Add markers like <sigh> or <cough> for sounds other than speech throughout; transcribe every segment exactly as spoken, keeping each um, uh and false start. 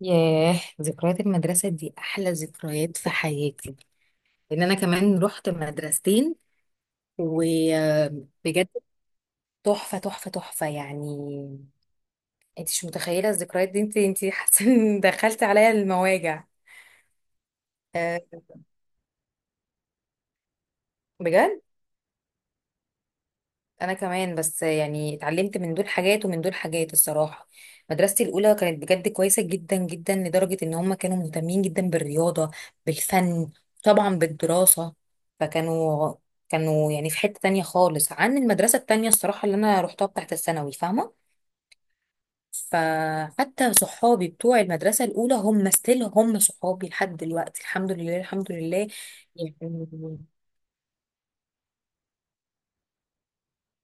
ياه، ذكريات المدرسة دي أحلى ذكريات في حياتي، لأن أنا كمان رحت مدرستين. وبجد تحفة تحفة تحفة يعني. أنت مش متخيلة الذكريات دي. أنت أنت حاسة إن دخلت عليا المواجع. أه بجد انا كمان، بس يعني اتعلمت من دول حاجات ومن دول حاجات الصراحه. مدرستي الاولى كانت بجد كويسه جدا جدا، لدرجه ان هم كانوا مهتمين جدا بالرياضه، بالفن، طبعا بالدراسه. فكانوا كانوا يعني في حته تانية خالص عن المدرسه التانية الصراحه، اللي انا روحتها بتاعت الثانوي، فاهمه. فحتى صحابي بتوع المدرسه الاولى هم ستيل هم صحابي لحد دلوقتي، الحمد لله الحمد لله يعني.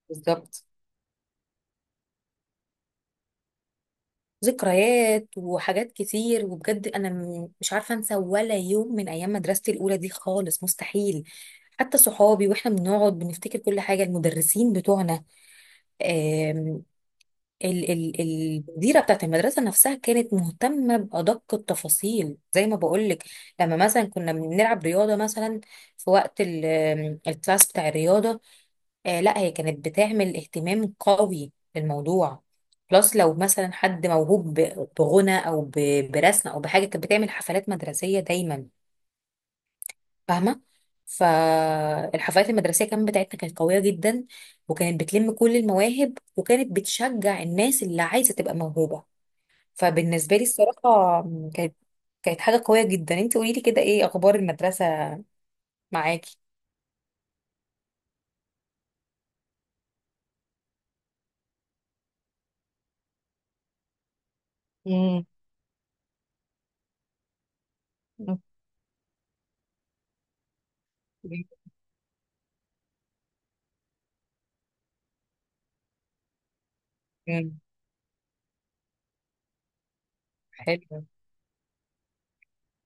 بالظبط، ذكريات وحاجات كتير، وبجد انا م- مش عارفه انسى ولا يوم من ايام مدرستي الاولى دي خالص، مستحيل. حتى صحابي واحنا بنقعد بنفتكر كل حاجه، المدرسين بتوعنا. آم، ال- ال- المديره بتاعت المدرسه نفسها كانت مهتمه بادق التفاصيل زي ما بقولك. لما مثلا كنا بنلعب رياضه مثلا، في وقت ال- آم، الكلاس بتاع الرياضه، آه لا هي كانت بتعمل اهتمام قوي للموضوع. بلس لو مثلا حد موهوب ب- بغنى او ب- برسم او بحاجه، كانت بتعمل حفلات مدرسيه دايما، فاهمه. فالحفلات المدرسيه كمان بتاعتنا كانت قويه جدا، وكانت بتلم كل المواهب، وكانت بتشجع الناس اللي عايزه تبقى موهوبه. فبالنسبه لي الصراحه، م، كانت كانت حاجه قويه جدا. انت قولي لي كده، ايه اخبار المدرسه معاكي؟ امم. أوكي. مم. حلو.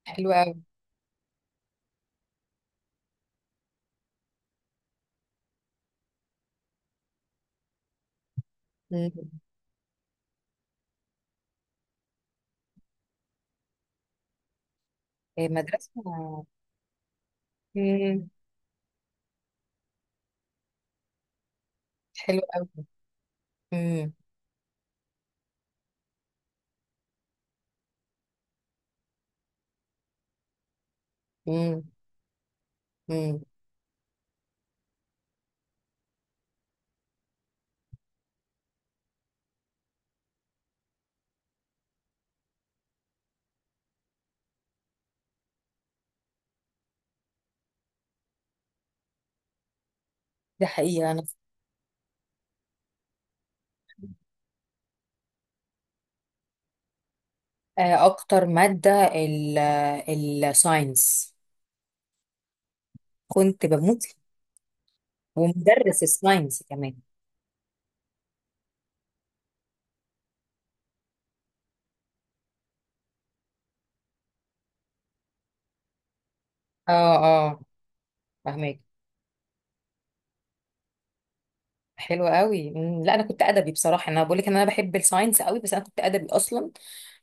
حلو قوي. إيه مدرسة؟ مم. حلو قوي. مم. مم. مم. ده حقيقة. أنا آه، أكتر مادة الساينس، كنت بموت فيه. ومدرس الساينس كمان. اه. اه. فهمك. حلو قوي. مم. لا أنا كنت أدبي بصراحة، أنا بقول لك إن أنا بحب الساينس قوي، بس أنا كنت أدبي أصلا.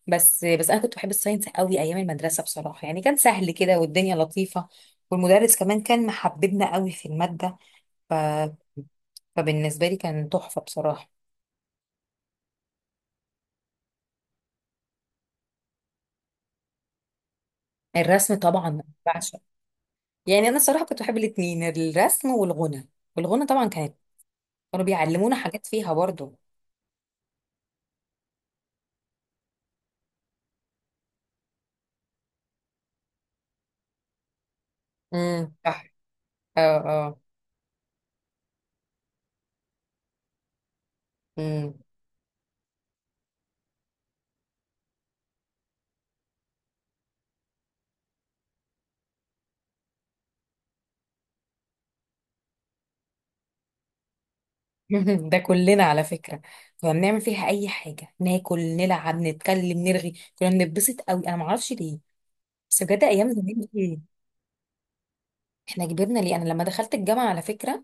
بس بس أنا كنت بحب الساينس قوي أيام المدرسة بصراحة، يعني كان سهل كده والدنيا لطيفة، والمدرس كمان كان محببنا قوي في المادة. ف... فبالنسبة لي كان تحفة بصراحة. الرسم طبعا بعشق. يعني أنا الصراحة كنت بحب الاتنين، الرسم والغنى. والغنى طبعا كانت، كانوا بيعلمونا حاجات فيها برضو. امم صح. اه. اه. مم. <laughs> ده كلنا على فكرة. كنا بنعمل فيها أي حاجة، ناكل، نلعب، نتكلم، نرغي. كنا بنتبسط قوي أنا معرفش ليه. بس بجد أيام زمان دي، إحنا كبرنا ليه؟ أنا لما دخلت الجامعة على فكرة،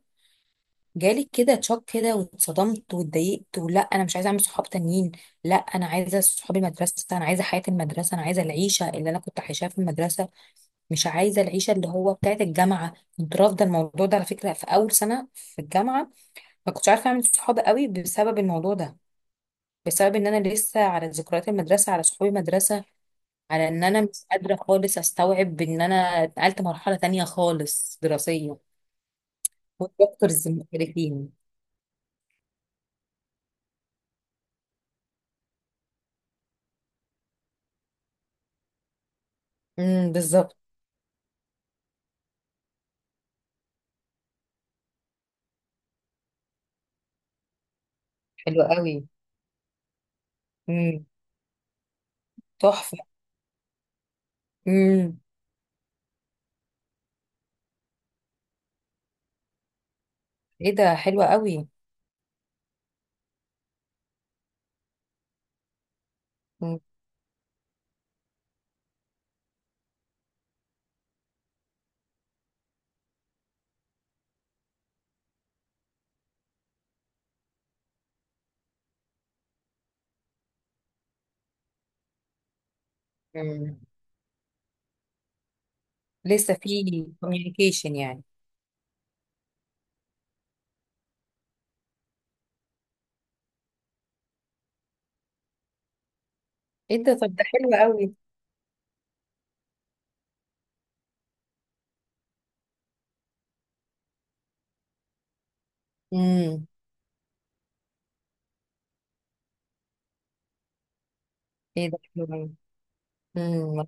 جالك كده تشوك كده، واتصدمت واتضايقت. ولا انا مش عايزه اعمل صحاب تانيين، لا انا عايزه صحاب المدرسه، انا عايزه حياه المدرسه، انا عايزه العيشه اللي انا كنت عايشاها في المدرسه، مش عايزه العيشه اللي هو بتاعه الجامعه. كنت رافضه الموضوع ده على فكره في اول سنه في الجامعه. ما كنتش عارفه اعمل صحاب قوي بسبب الموضوع ده، بسبب ان انا لسه على ذكريات المدرسه، على صحاب المدرسه، على ان انا مش قادره خالص استوعب ان انا اتنقلت مرحله تانية خالص دراسيه، والدكتورز مختلفين. امم بالظبط. حلو قوي. مم. تحفة. مم. ايه ده، حلوة قوي. مم. مم. لسه في كوميونيكيشن يعني؟ ايه ده، طب ده حلو قوي. مم. ايه ده حلو قوي. مم.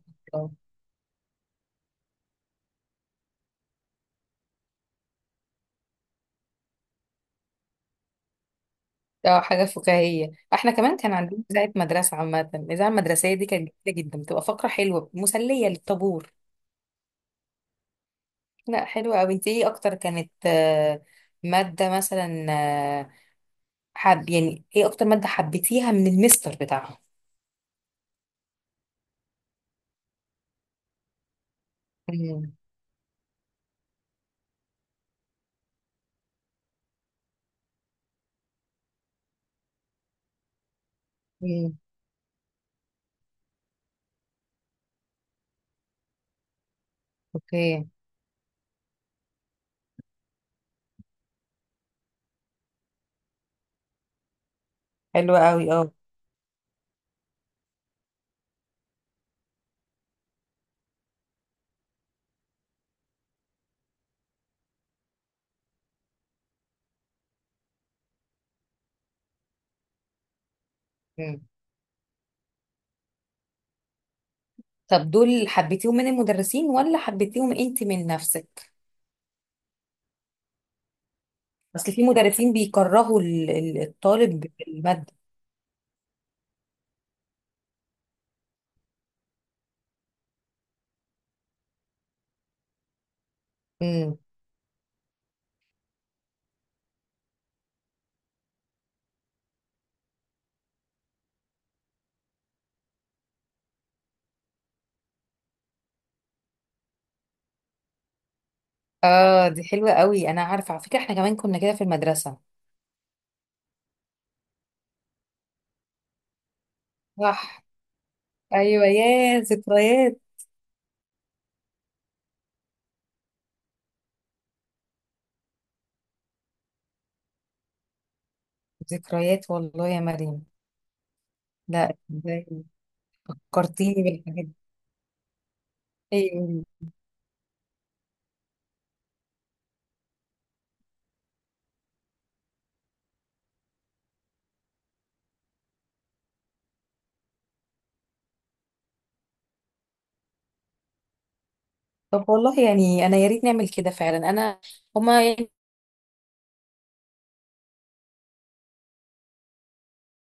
اه حاجة فكاهية، احنا كمان كان عندنا إذاعة مدرسة. عامة الإذاعة المدرسية دي كانت جميلة جدا، بتبقى فقرة حلوة مسلية للطابور. لا حلوة قوي. انت ايه اكتر كانت آه، مادة مثلا آه، حب، يعني ايه اكتر مادة حبيتيها من المستر بتاعها؟ مم. مم. اوكي. حلوة قوي اه. مم. طب دول حبيتيهم من المدرسين ولا حبيتيهم انت من نفسك؟ اصل في مدرسين بيكرهوا ال- ال- الطالب بالمادة. مم. اه دي حلوة قوي، انا عارفة على فكرة، احنا كمان كنا كده في المدرسة. صح. ايوه يا ذكريات. ذكريات والله يا مريم. لا ازاي؟ فكرتيني بالحاجات دي. ايوه. طب والله يعني انا يا ريت نعمل كده فعلا. انا هما يعني،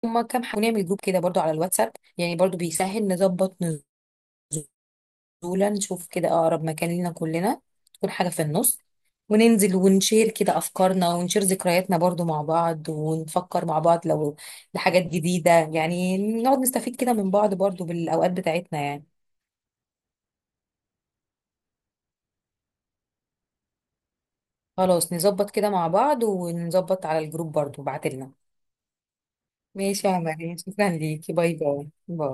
هما كام حاجة، نعمل جروب كده برضو على الواتساب، يعني برضو بيسهل نظبط دولة، نشوف كده أقرب مكان لينا كلنا، تكون حاجة في النص، وننزل ونشير كده أفكارنا، ونشير ذكرياتنا برضو مع بعض، ونفكر مع بعض لو لحاجات جديدة، يعني نقعد نستفيد كده من بعض برضو بالأوقات بتاعتنا يعني. خلاص نظبط كده مع بعض، ونظبط على الجروب برضو بعتلنا. ماشي يا عمر، شكرا ليكي، باي باي باي.